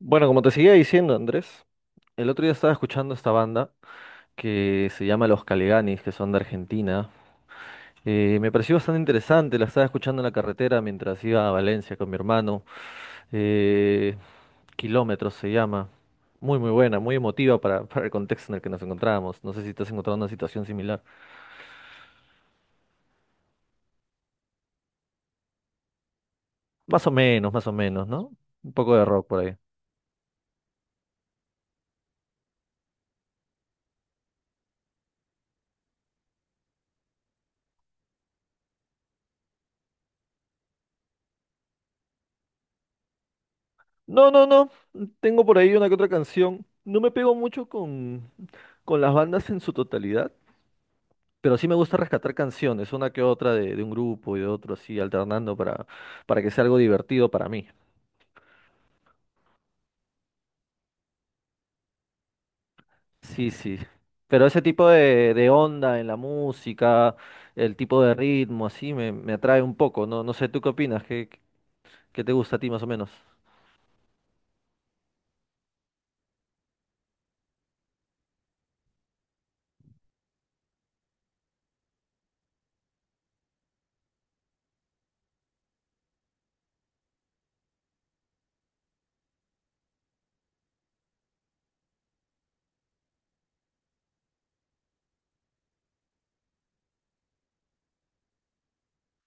Bueno, como te seguía diciendo, Andrés, el otro día estaba escuchando esta banda que se llama Los Caliganis, que son de Argentina. Me pareció bastante interesante, la estaba escuchando en la carretera mientras iba a Valencia con mi hermano. Eh, Kilómetros se llama. Muy, muy buena, muy emotiva para, para el contexto en el que nos encontrábamos. No sé si te has encontrado una situación similar. Más o menos, ¿no? Un poco de rock por ahí. No, no, no. Tengo por ahí una que otra canción. No me pego mucho con las bandas en su totalidad. Pero sí me gusta rescatar canciones, una que otra de un grupo y de otro, así, alternando para que sea algo divertido para mí. Sí, sí. Pero ese tipo de onda en la música, el tipo de ritmo, así, me atrae un poco. No, no sé, ¿tú qué opinas? ¿Qué te gusta a ti más o menos?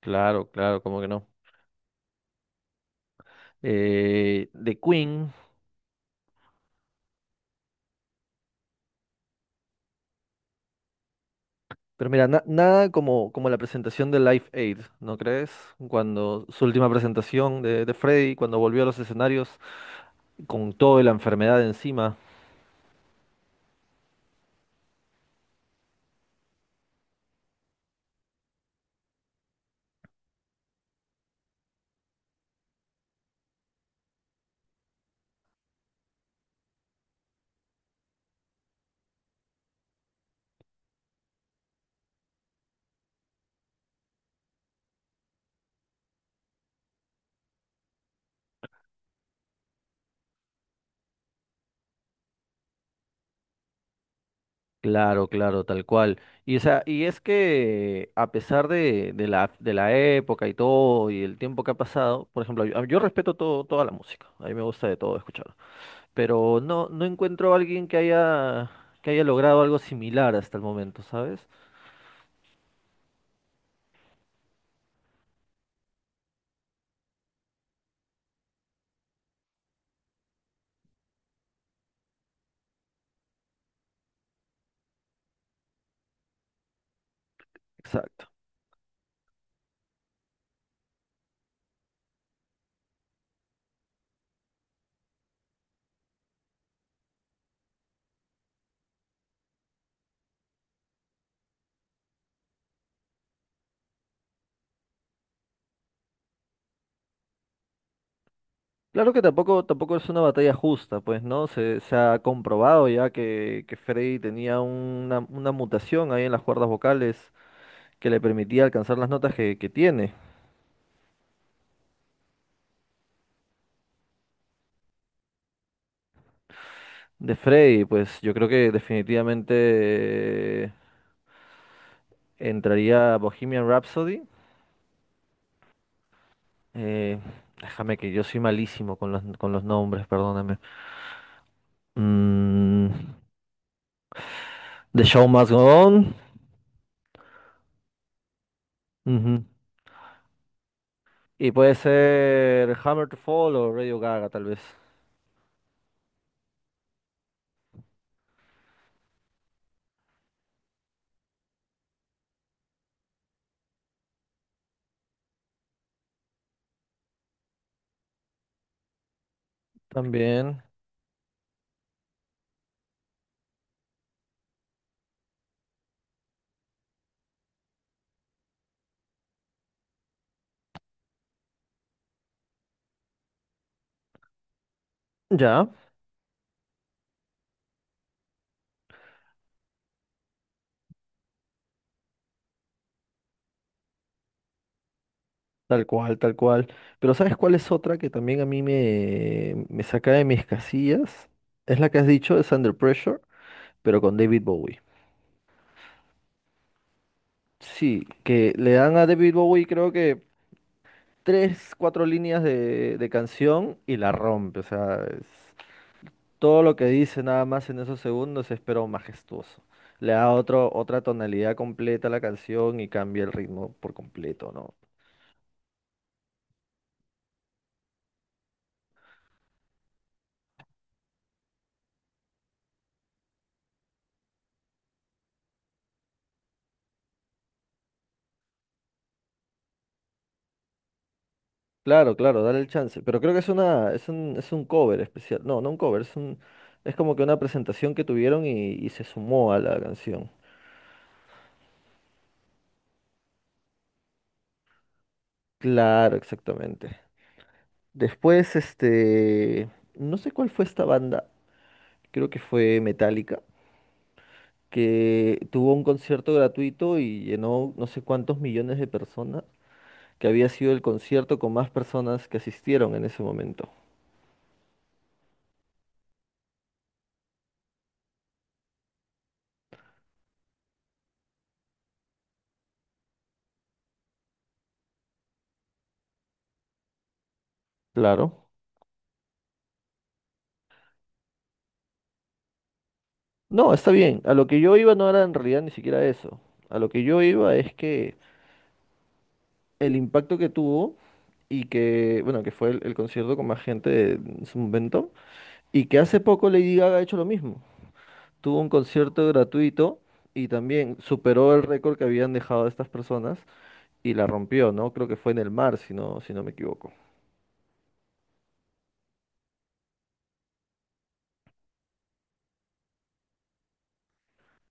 Claro, claro, como que no. De Queen, pero mira, nada como, como la presentación de Live Aid, ¿no crees? Cuando su última presentación de Freddie cuando volvió a los escenarios con toda la enfermedad encima. Claro, claro, tal cual. Y, o sea, y es que a pesar de la época y todo y el tiempo que ha pasado, por ejemplo, yo respeto todo, toda la música, a mí me gusta de todo escuchar, pero no encuentro a alguien que haya logrado algo similar hasta el momento, ¿sabes? Exacto. Claro que tampoco, tampoco es una batalla justa, pues, ¿no? Se ha comprobado ya que Freddy tenía una mutación ahí en las cuerdas vocales que le permitía alcanzar las notas que tiene. De Freddy, pues yo creo que definitivamente entraría Bohemian Rhapsody. Eh, Déjame que yo soy malísimo con con los nombres, perdóname. Mm, The Show Must Go On. Ujú. Y puede ser Hammer to Fall o Radio Gaga, tal vez. También. Ya, tal cual, tal cual. Pero ¿sabes cuál es otra que también a mí me saca de mis casillas? Es la que has dicho, es Under Pressure, pero con David Bowie. Sí, que le dan a David Bowie creo que tres, cuatro líneas de canción y la rompe. O sea, todo lo que dice nada más en esos segundos es pero majestuoso. Le da otro, otra tonalidad completa a la canción y cambia el ritmo por completo, ¿no? Claro, claro, dale el chance. Pero creo que es una, es un cover especial. No, no un cover, es como que una presentación que tuvieron y se sumó a la canción. Claro, exactamente. Después, no sé cuál fue esta banda. Creo que fue Metallica, que tuvo un concierto gratuito y llenó no sé cuántos millones de personas, que había sido el concierto con más personas que asistieron en ese momento. Claro. No, está bien. A lo que yo iba no era en realidad ni siquiera eso. A lo que yo iba es que el impacto que tuvo y que, bueno, que fue el concierto con más gente en su momento y que hace poco Lady Gaga ha hecho lo mismo. Tuvo un concierto gratuito y también superó el récord que habían dejado estas personas y la rompió, ¿no? Creo que fue en el mar, si no me equivoco.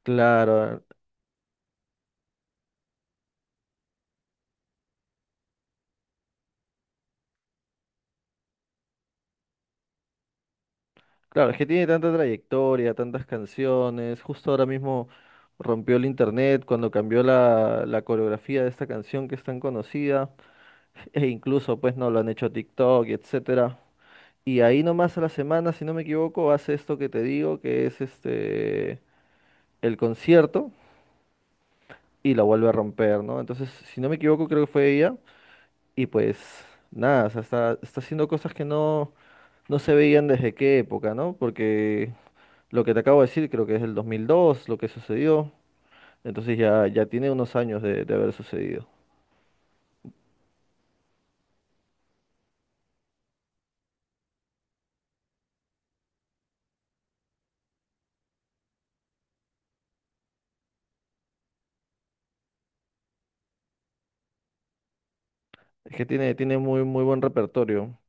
Claro, claro, es que tiene tanta trayectoria, tantas canciones. Justo ahora mismo rompió el internet cuando cambió la coreografía de esta canción que es tan conocida. E incluso, pues, no lo han hecho TikTok, y etcétera. Y ahí nomás a la semana, si no me equivoco, hace esto que te digo, que es el concierto y la vuelve a romper, ¿no? Entonces, si no me equivoco, creo que fue ella. Y pues nada, o sea, está haciendo cosas que no se veían desde qué época, ¿no? Porque lo que te acabo de decir creo que es el 2002 lo que sucedió, entonces ya, ya tiene unos años de haber sucedido. Es que tiene, tiene muy, muy buen repertorio.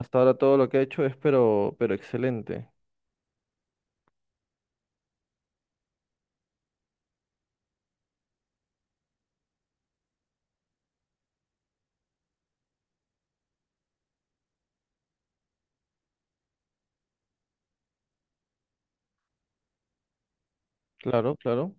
Hasta ahora todo lo que ha hecho es pero excelente. Claro, claro.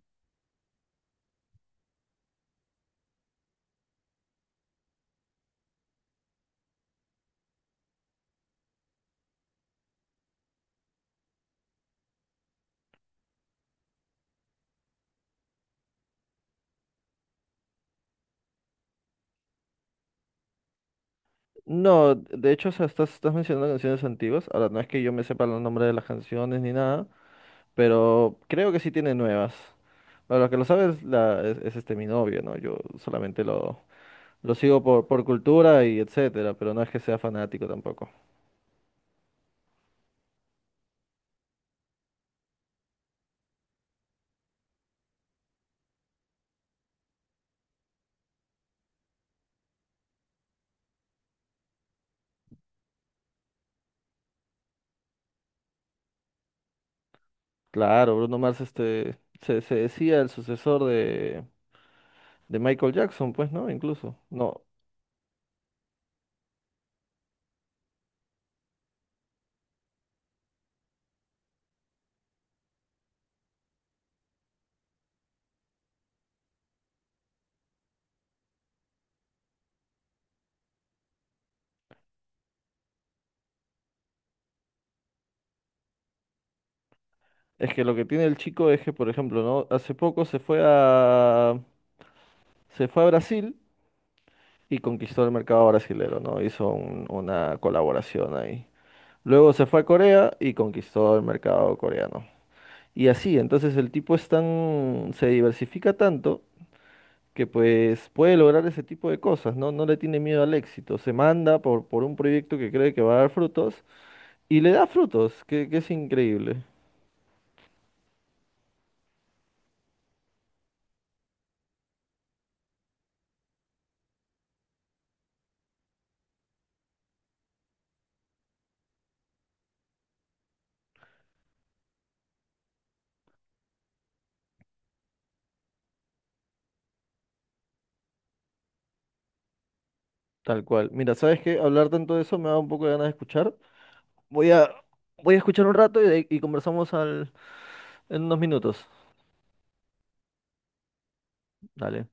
No, de hecho, o sea, estás mencionando canciones antiguas. Ahora, no es que yo me sepa los nombres de las canciones ni nada, pero creo que sí tiene nuevas. Para los que lo sabes, es este mi novio, ¿no? Yo solamente lo sigo por cultura y etcétera, pero no es que sea fanático tampoco. Claro, Bruno Mars este, se decía el sucesor de Michael Jackson, pues, ¿no? Incluso. No, es que lo que tiene el chico es que, por ejemplo, ¿no? Hace poco se fue a Brasil y conquistó el mercado brasilero, ¿no? Hizo una colaboración ahí. Luego se fue a Corea y conquistó el mercado coreano. Y así, entonces el tipo es tan, se diversifica tanto que pues puede lograr ese tipo de cosas, ¿no? No le tiene miedo al éxito, se manda por un proyecto que cree que va a dar frutos y le da frutos, que es increíble, tal cual. Mira, ¿sabes qué? Hablar tanto de eso me da un poco de ganas de escuchar. Voy a, voy a escuchar un rato y conversamos en unos minutos. Dale.